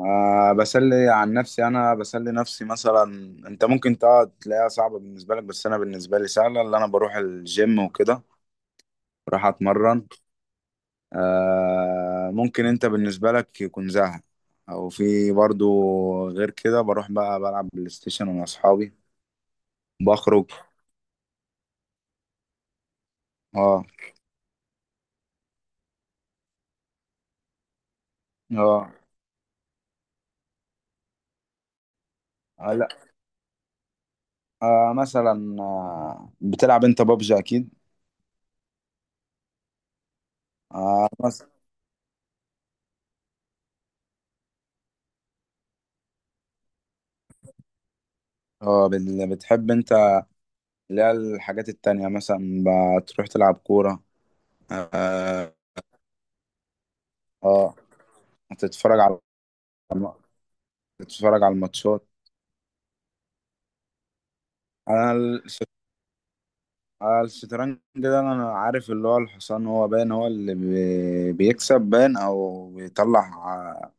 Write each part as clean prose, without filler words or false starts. آه، بسلي عن نفسي. انا بسلي نفسي مثلا. انت ممكن تقعد تلاقيها صعبة بالنسبة لك، بس انا بالنسبة لي سهلة. اللي انا بروح الجيم وكده، بروح اتمرن. آه ممكن انت بالنسبة لك يكون زهق، او في برضو. غير كده بروح بقى بلعب بلاي ستيشن مع اصحابي. بخرج. اه. اه. آه، لا. آه مثلا، آه بتلعب انت بابجي اكيد. آه مثلا. اه بتحب انت اللي هي الحاجات التانية مثلا؟ بتروح تلعب كورة؟ آه. اه. تتفرج على الم- تتفرج على الماتشات. انا الش- أنا الشطرنج ده انا عارف اللي هو الحصان، هو باين هو اللي بيكسب، باين او بيطلع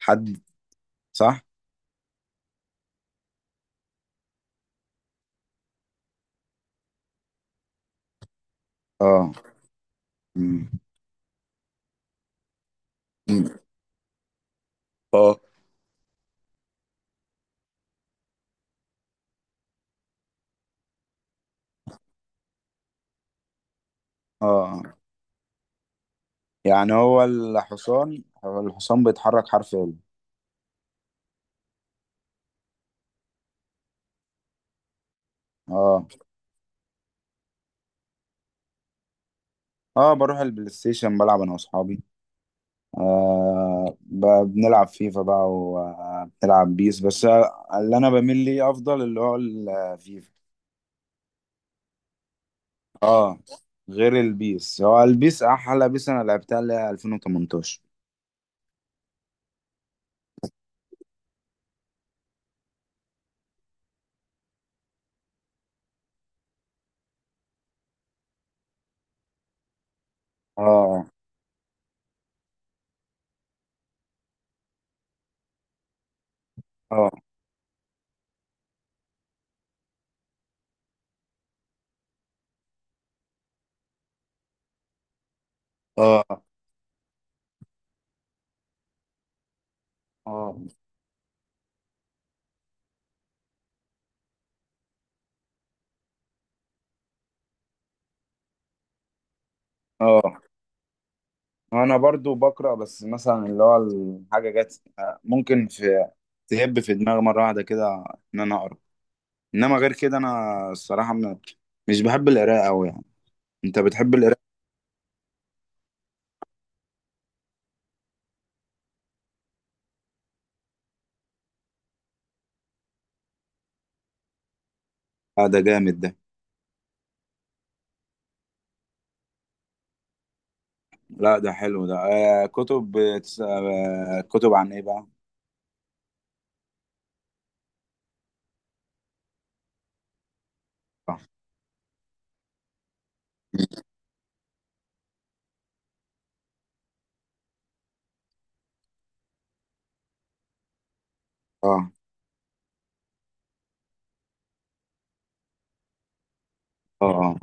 حد، صح. اه. أمم. أمم. اه. اه يعني هو الحصان، هو الحصان بيتحرك حرف ال. اه. اه بروح البلاي ستيشن بلعب انا واصحابي. آه بنلعب فيفا بقى وبنلعب بيس بس. اللي انا بميل ليه افضل اللي هو الفيفا. اه. غير البيس، هو البيس احلى بيس انا لعبتها اللي هي 2018. اه. اه. اه. اه. اه. انا برضو بقرا، بس مثلا اللي هو الحاجه جت، آه، ممكن في تهب في دماغي مره واحده كده ان انا اقرا. انما غير كده انا الصراحه مش بحب القراءه قوي يعني. انت بتحب القراءه؟ آه، ده جامد ده. لا ده حلو ده. آه كتب آه كتب عن ايه بقى؟ اه. اه. اه.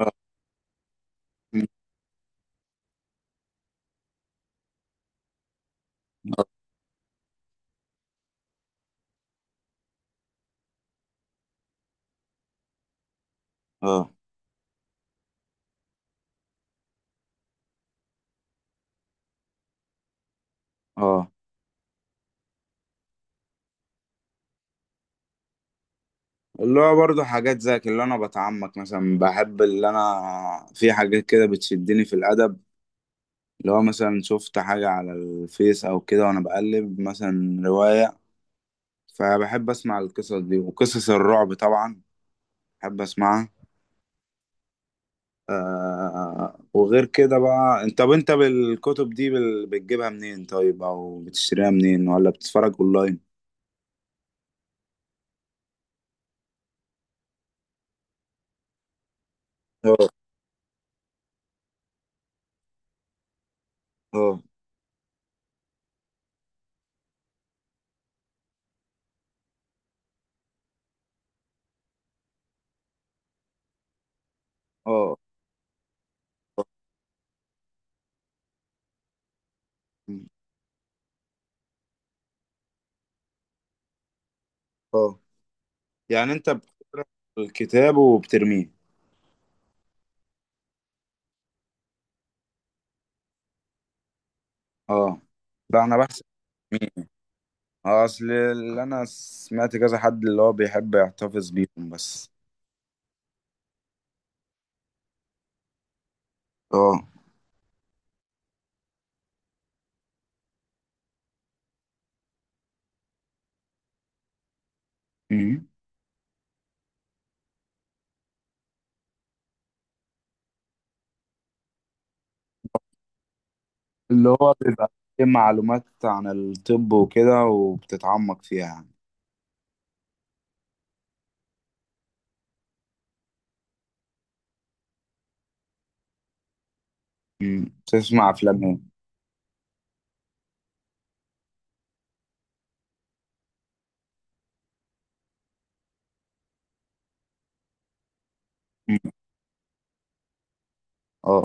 اه. اه. آه. اللي هو برضه حاجات زي اللي انا بتعمق مثلا. بحب اللي انا في حاجات كده بتشدني في الادب. اللي هو مثلا شفت حاجة على الفيس او كده، وانا بقلب مثلا رواية، فبحب اسمع القصص دي. وقصص الرعب طبعا بحب اسمعها. آه وغير كده بقى، انت طب انت بالكتب دي بتجيبها منين طيب، او بتشتريها منين ولا بتتفرج اونلاين؟ اه. اه. اه. اه. يعني انت بتقرا الكتاب وبترميه؟ اه. لا انا بحسب. مين اصل اللي انا سمعت كذا حد اللي هو بيحب يحتفظ بيهم بس. اه. مم. اللي هو بيبقى فيه معلومات عن الطب وكده وبتتعمق فيها يعني. مم. تسمع افلام ايه؟ مم. اه.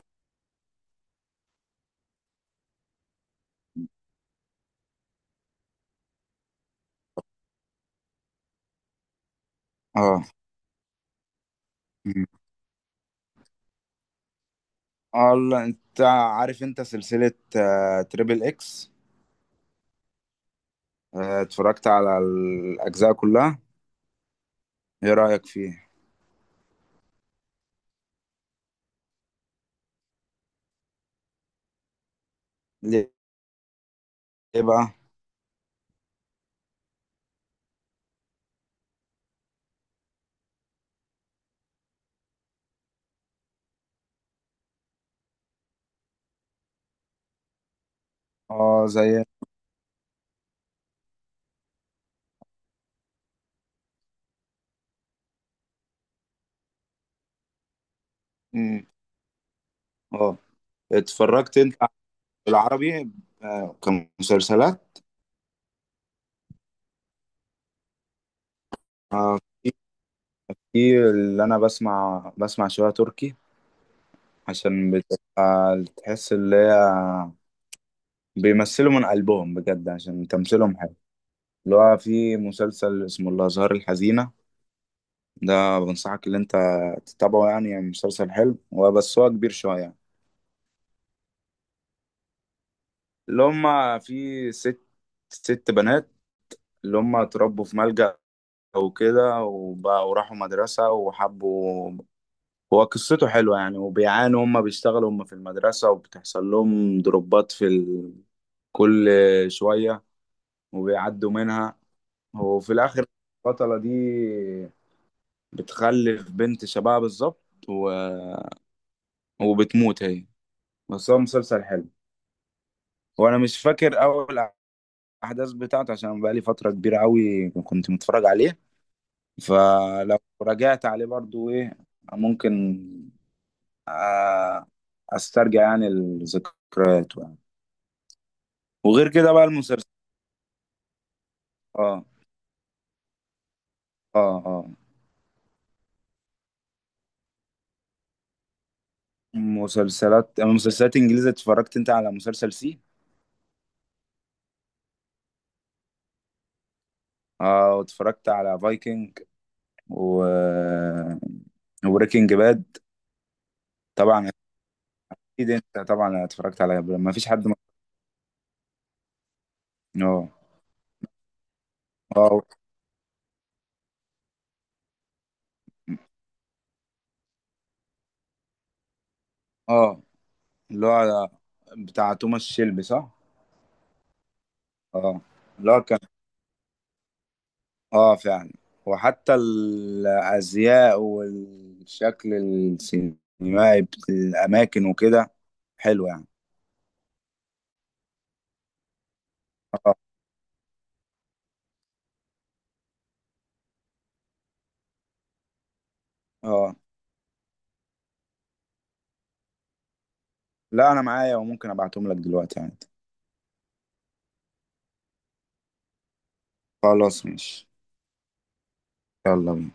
اه. الله انت عارف انت سلسلة، آه، تريبل اكس؟ آه، اتفرجت على الاجزاء كلها. ايه رأيك فيه؟ ليه؟ ليه بقى؟ اه زي. مم. اه اتفرجت انت بالعربي؟ آه، كمسلسلات؟ آه، في. في اللي انا بسمع، بسمع شوية تركي. عشان بتبقى تحس اللي هي بيمثلوا من قلبهم بجد، عشان تمثيلهم حلو. اللي هو في مسلسل اسمه الازهار الحزينة، ده بنصحك اللي انت تتابعه يعني. يعني مسلسل حلو هو، بس هو كبير شوية. اللي هما في ست، ست بنات اللي هما اتربوا في ملجأ وكده، وبقوا راحوا مدرسة وحبوا. هو قصته حلوة يعني. وبيعانوا هما، بيشتغلوا هما في المدرسة، وبتحصل لهم دروبات في ال... كل شوية، وبيعدوا منها. وفي الآخر، البطلة دي بتخلف بنت شبهها بالظبط، و... وبتموت هي. بس هو مسلسل حلو. وانا مش فاكر اول الاحداث بتاعته، عشان بقى لي فتره كبيره قوي كنت متفرج عليه. فلو رجعت عليه برضو ايه، ممكن، آه، استرجع يعني الذكريات يعني. وغير كده بقى المسلسل. اه. اه. اه مسلسلات انجليزي، اتفرجت انت على مسلسل سي؟ اه. واتفرجت على فايكنج و، وبريكنج باد. طبعا. اكيد انت طبعا اتفرجت، على ما فيش حد ما. اه. اه. آه. اللي هو بتاع توماس شيلبي صح؟ اه. اللي هو كان، اه فعلا. وحتى الازياء والشكل السينمائي الاماكن وكده، حلو يعني. اه. اه. لا انا معايا، وممكن ابعتهم لك دلوقتي عادي. خلاص ماشي. يلا بينا.